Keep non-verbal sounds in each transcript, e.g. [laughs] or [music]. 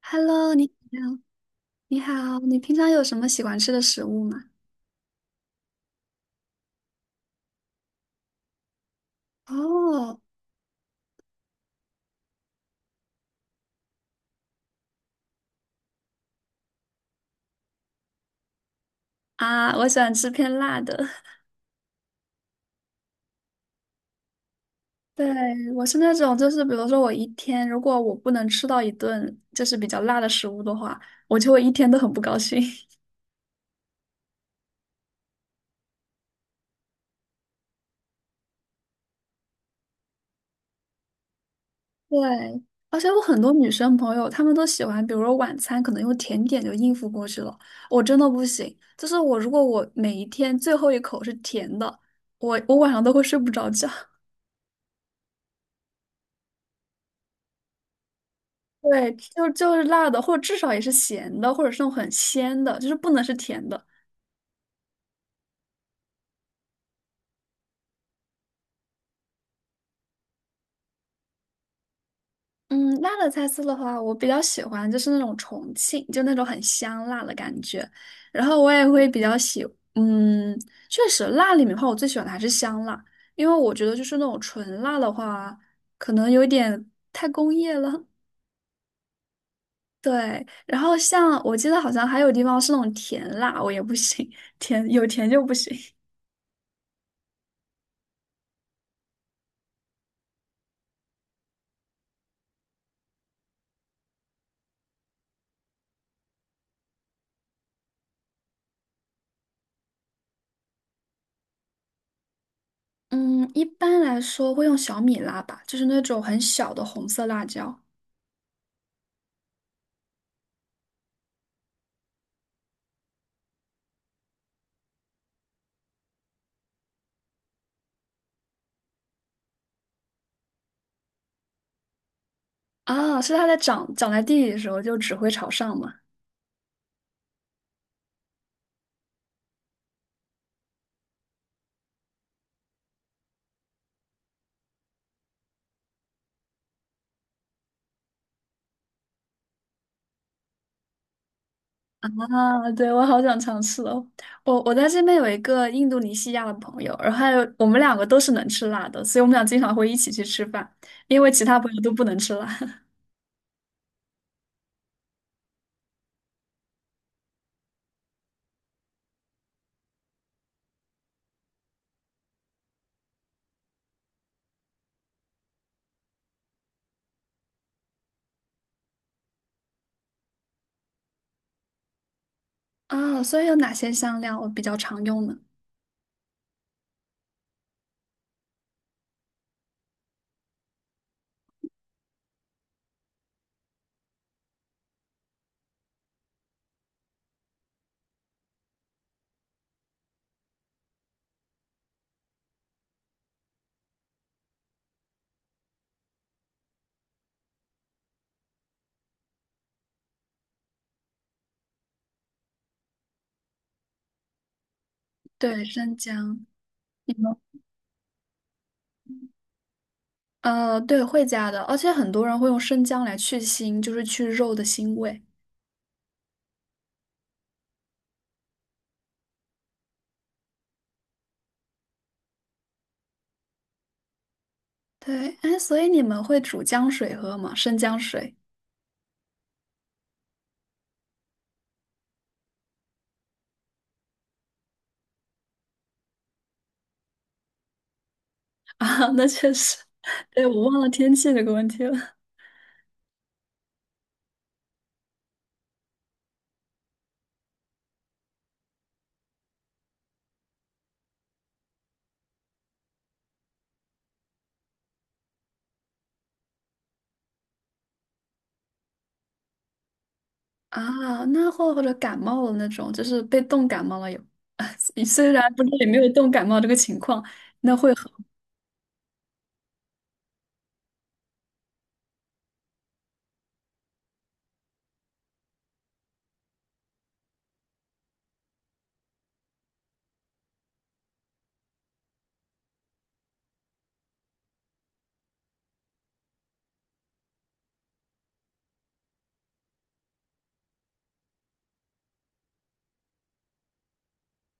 Hello，你好，你好，你平常有什么喜欢吃的食物吗？哦，啊，我喜欢吃偏辣的。[laughs] 对，我是那种，就是比如说我一天如果我不能吃到一顿就是比较辣的食物的话，我就会一天都很不高兴。[laughs] 对，而且我很多女生朋友，她们都喜欢，比如说晚餐可能用甜点就应付过去了，我真的不行。就是我如果我每一天最后一口是甜的，我晚上都会睡不着觉。对，就是辣的，或者至少也是咸的，或者是那种很鲜的，就是不能是甜的。嗯，辣的菜色的话，我比较喜欢就是那种重庆，就那种很香辣的感觉。然后我也会比较喜，嗯，确实辣里面的话，我最喜欢的还是香辣，因为我觉得就是那种纯辣的话，可能有点太工业了。对，然后像我记得好像还有地方是那种甜辣，我也不行，甜有甜就不行。嗯，一般来说会用小米辣吧，就是那种很小的红色辣椒。啊，是它在长长在地里的时候就只会朝上嘛。啊，对，我好想尝试哦。我在这边有一个印度尼西亚的朋友，然后还有我们两个都是能吃辣的，所以我们俩经常会一起去吃饭，因为其他朋友都不能吃辣。[laughs] 啊，所以有哪些香料我比较常用呢？对，生姜。你们呃，对，会加的，而且很多人会用生姜来去腥，就是去肉的腥味。对，哎，所以你们会煮姜水喝吗？生姜水。 [laughs] 啊，那确实，对，我忘了天气这个问题了啊。那或者感冒了那种，就是被冻感冒了有，[laughs] 虽然不知道有没有冻感冒这个情况，那会喝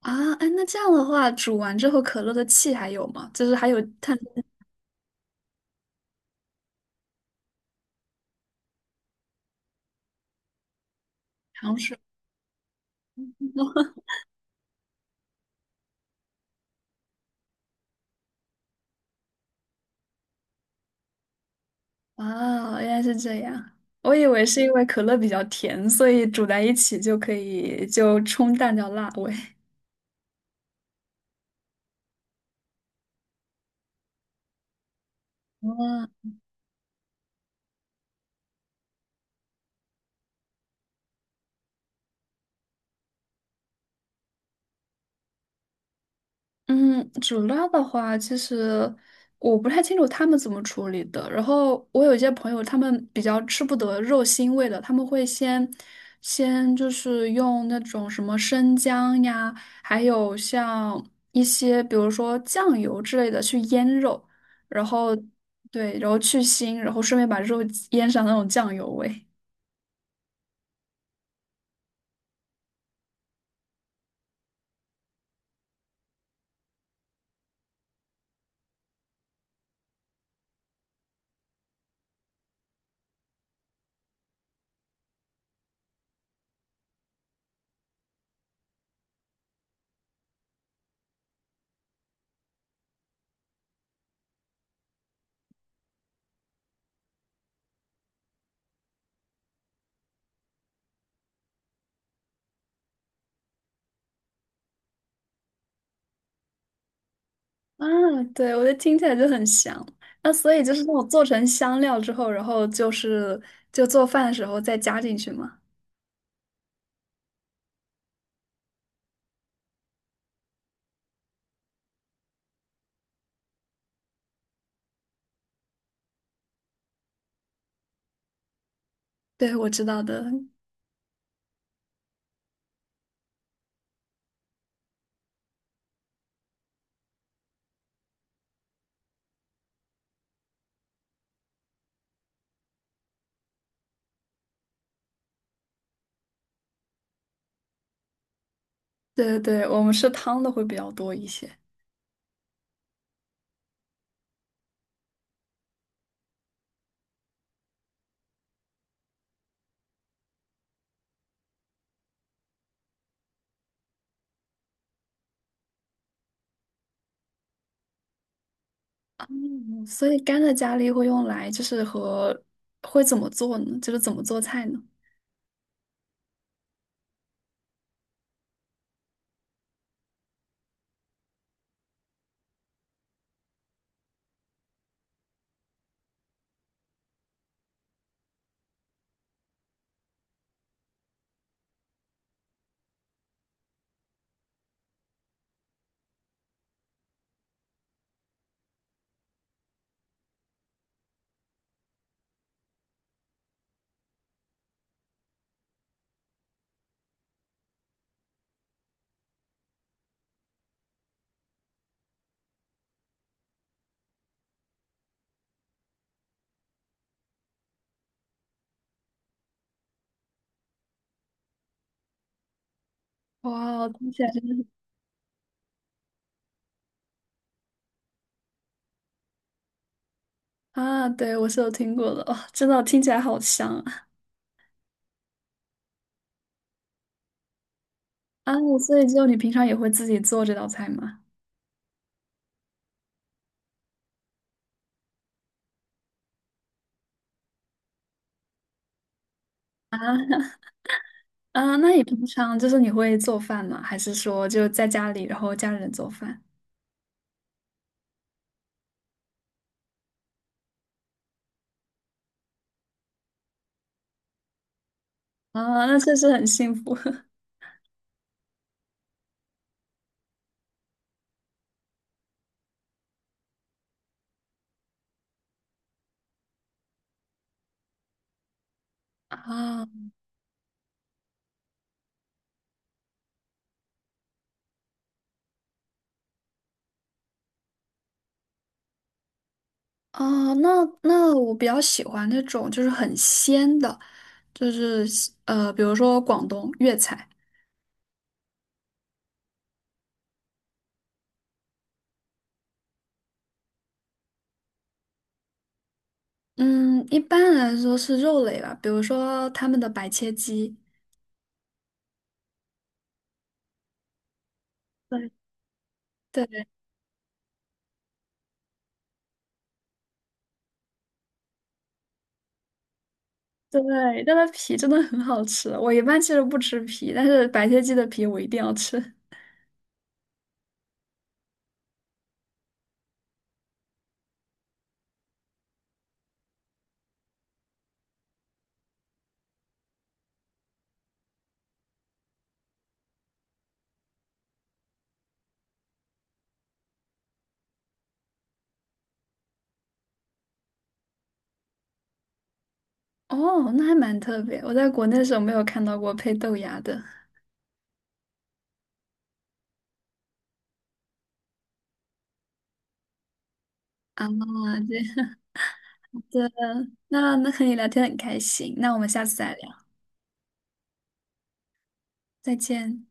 啊。哎，那这样的话，煮完之后可乐的气还有吗？就是还有碳糖水。 [laughs] 啊，原来是这样。我以为是因为可乐比较甜，所以煮在一起就可以就冲淡掉辣味。[laughs] 哇。嗯，主料的话，其实我不太清楚他们怎么处理的。然后我有一些朋友，他们比较吃不得肉腥味的，他们会先就是用那种什么生姜呀，还有像一些比如说酱油之类的去腌肉，然后对，然后去腥，然后顺便把肉腌上那种酱油味。啊，对，我觉得听起来就很香。那所以就是那种做成香料之后，然后就是就做饭的时候再加进去嘛。对，我知道的。对对对，我们是汤的会比较多一些。嗯，所以干的咖喱会用来就是和会怎么做呢？就是怎么做菜呢？哇，听起来真的啊，对，我是有听过的，哦，真的听起来好香啊！啊，所以就你平常也会自己做这道菜吗？啊，那你平常就是你会做饭吗？还是说就在家里，然后家人做饭？啊，那确实很幸福。 [laughs] 啊啊！那我比较喜欢那种就是很鲜的，就是呃，比如说广东粤菜，嗯，一般来说是肉类吧，比如说他们的白切鸡，对对对，但它皮真的很好吃。我一般其实不吃皮，但是白切鸡的皮我一定要吃。哦，那还蛮特别。我在国内的时候没有看到过配豆芽的啊，这样的。那和你聊天很开心，那我们下次再聊，再见。